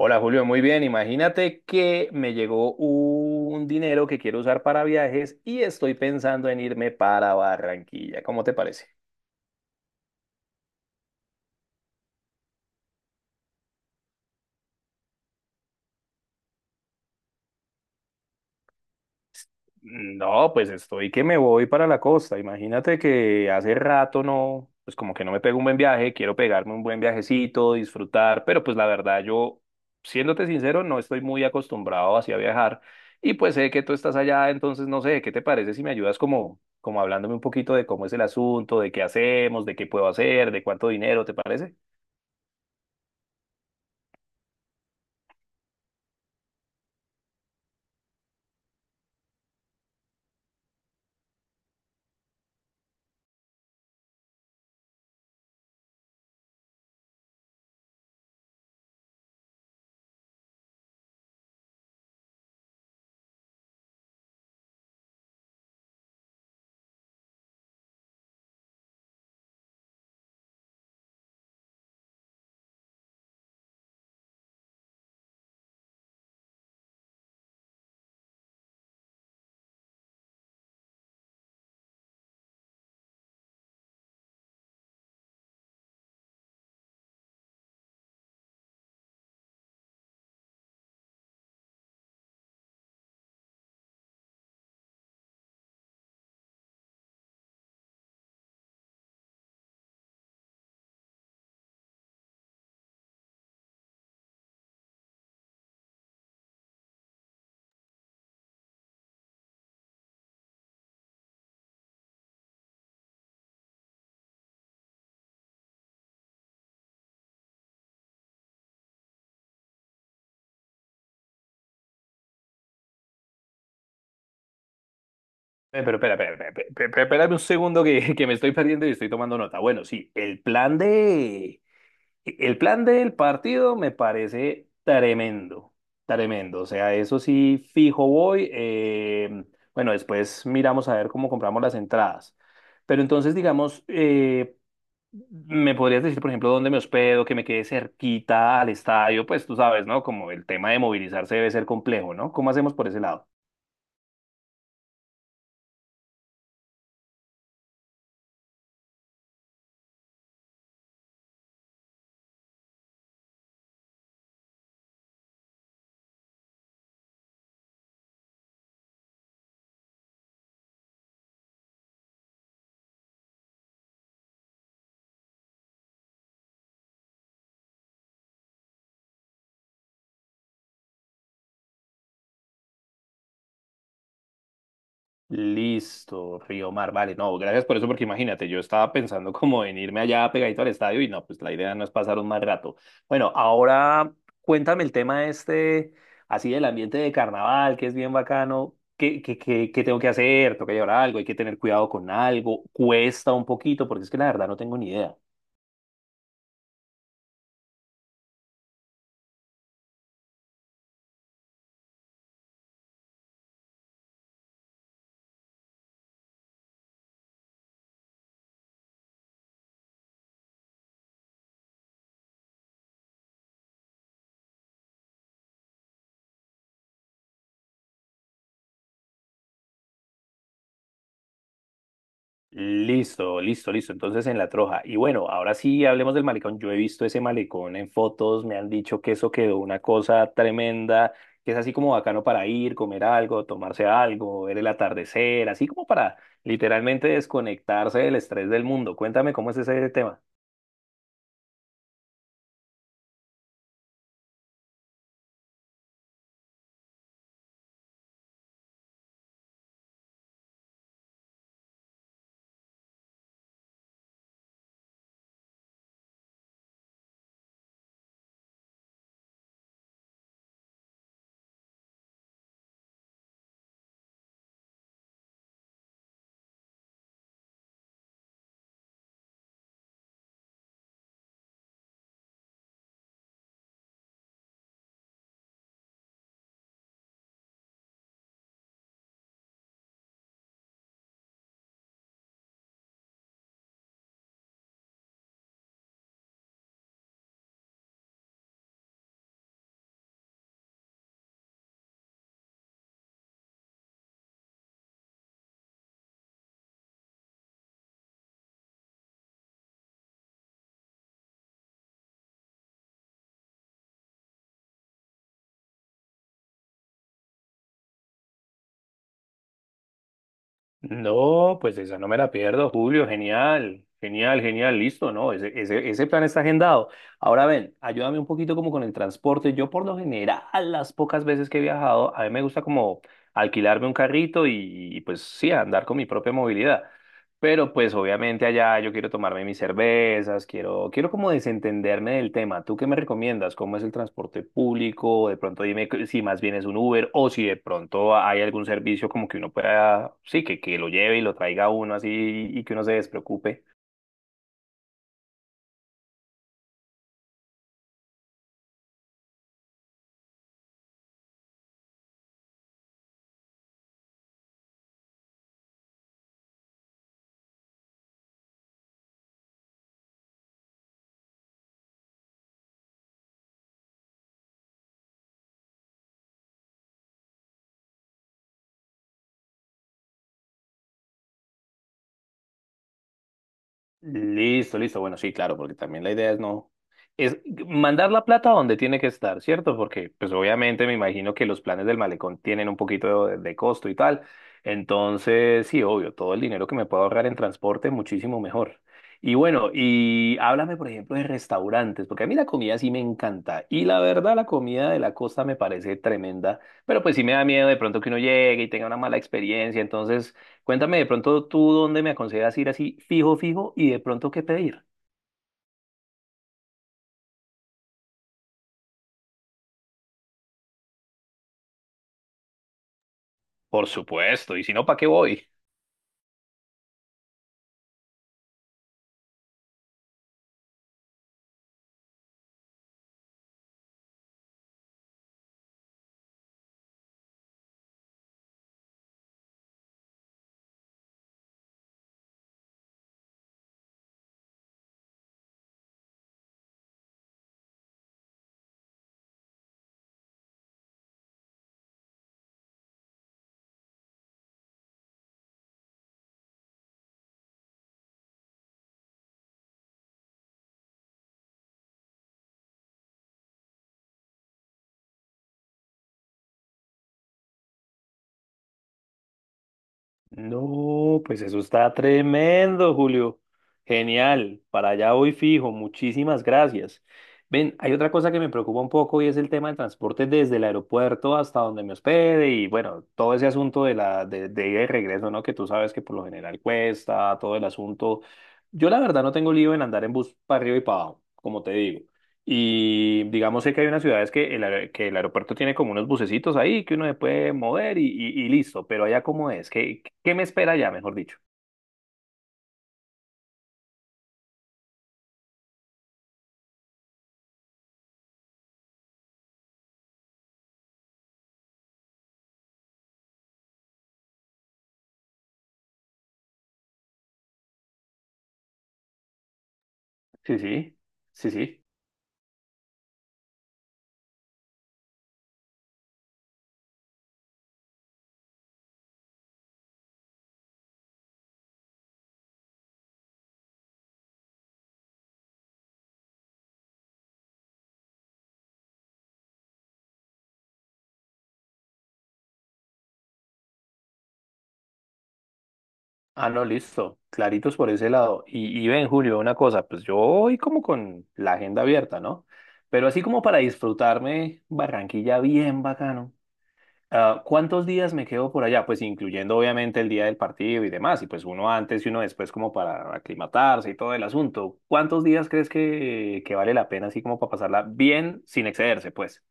Hola Julio, muy bien. Imagínate que me llegó un dinero que quiero usar para viajes y estoy pensando en irme para Barranquilla. ¿Cómo te parece? No, pues estoy que me voy para la costa. Imagínate que hace rato no, pues como que no me pego un buen viaje, quiero pegarme un buen viajecito, disfrutar, pero pues la verdad yo, siéndote sincero, no estoy muy acostumbrado así a viajar y pues sé que tú estás allá, entonces no sé, ¿qué te parece si me ayudas como hablándome un poquito de cómo es el asunto, de qué hacemos, de qué puedo hacer, de cuánto dinero, ¿te parece? Pero espérame un segundo que, que me estoy perdiendo y estoy tomando nota. Bueno, sí, el plan de... El plan del partido me parece tremendo. O sea, eso sí, fijo voy. Bueno, después miramos a ver cómo compramos las entradas. Pero entonces, digamos, ¿me podrías decir, por ejemplo, dónde me hospedo, que me quede cerquita al estadio? Pues tú sabes, ¿no? Como el tema de movilizarse debe ser complejo, ¿no? ¿Cómo hacemos por ese lado? Listo, Río Mar, vale, no, gracias por eso, porque imagínate, yo estaba pensando como en irme allá pegadito al estadio y no, pues la idea no es pasar un mal rato. Bueno, ahora cuéntame el tema este, así del ambiente de carnaval, que es bien bacano, ¿qué tengo que hacer? ¿Tengo que llevar algo? ¿Hay que tener cuidado con algo? ¿Cuesta un poquito? Porque es que la verdad no tengo ni idea. Listo. Entonces en la Troja. Y bueno, ahora sí hablemos del malecón. Yo he visto ese malecón en fotos, me han dicho que eso quedó una cosa tremenda, que es así como bacano para ir, comer algo, tomarse algo, ver el atardecer, así como para literalmente desconectarse del estrés del mundo. Cuéntame cómo es ese tema. No, pues esa no me la pierdo, Julio, genial, genial, genial, listo, ¿no? Ese plan está agendado. Ahora ven, ayúdame un poquito como con el transporte. Yo por lo general, las pocas veces que he viajado, a mí me gusta como alquilarme un carrito pues sí, andar con mi propia movilidad. Pero pues obviamente allá yo quiero tomarme mis cervezas, quiero como desentenderme del tema. ¿Tú qué me recomiendas? ¿Cómo es el transporte público? De pronto dime que- si más bien es un Uber o si de pronto hay algún servicio como que uno pueda, sí, que lo lleve y lo traiga a uno así y que uno se despreocupe. Listo, listo. Bueno, sí, claro, porque también la idea es no, es mandar la plata donde tiene que estar, ¿cierto? Porque, pues obviamente me imagino que los planes del malecón tienen un poquito de costo y tal. Entonces, sí, obvio, todo el dinero que me puedo ahorrar en transporte, muchísimo mejor. Y bueno, y háblame, por ejemplo, de restaurantes, porque a mí la comida sí me encanta. Y la verdad, la comida de la costa me parece tremenda, pero pues sí me da miedo de pronto que uno llegue y tenga una mala experiencia. Entonces... Cuéntame de pronto tú dónde me aconsejas ir así fijo, fijo y de pronto qué pedir. Por supuesto, y si no, ¿para qué voy? No, pues eso está tremendo, Julio. Genial, para allá voy fijo, muchísimas gracias. Ven, hay otra cosa que me preocupa un poco y es el tema del transporte desde el aeropuerto hasta donde me hospede y bueno, todo ese asunto de la de ida y regreso, ¿no? Que tú sabes que por lo general cuesta, todo el asunto. Yo la verdad no tengo lío en andar en bus para arriba y para abajo, como te digo. Y digamos sé que hay unas ciudades que que el aeropuerto tiene como unos bucecitos ahí que uno se puede mover y listo, pero allá cómo es, ¿qué me espera allá, mejor dicho? Sí, sí, sí, sí. Ah, no, listo, claritos por ese lado. Y ven, Julio, una cosa, pues yo voy como con la agenda abierta, ¿no? Pero así como para disfrutarme Barranquilla bien bacano. Ah, ¿cuántos días me quedo por allá? Pues incluyendo obviamente el día del partido y demás, y pues uno antes y uno después como para aclimatarse y todo el asunto. ¿Cuántos días crees que vale la pena así como para pasarla bien sin excederse? Pues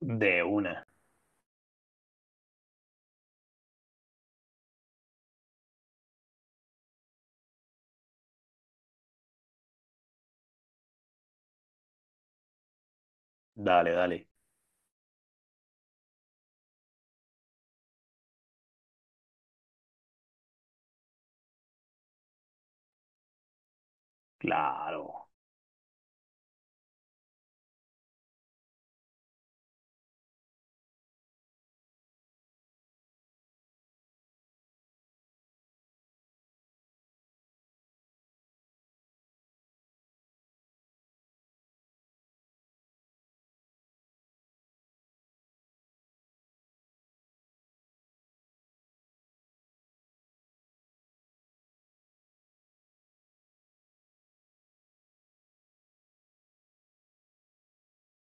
de una. Dale, dale. Claro.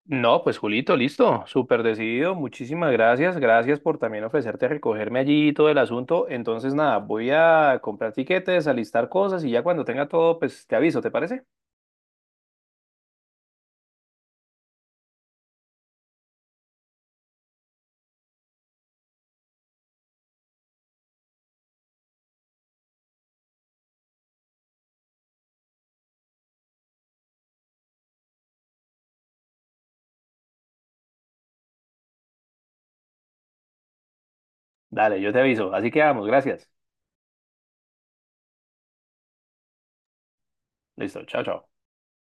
No, pues Julito, listo, súper decidido, muchísimas gracias, gracias por también ofrecerte a recogerme allí y todo el asunto. Entonces, nada, voy a comprar tiquetes, alistar cosas y ya cuando tenga todo, pues te aviso, ¿te parece? Dale, yo te aviso, así que vamos, gracias. Listo, chao, chao.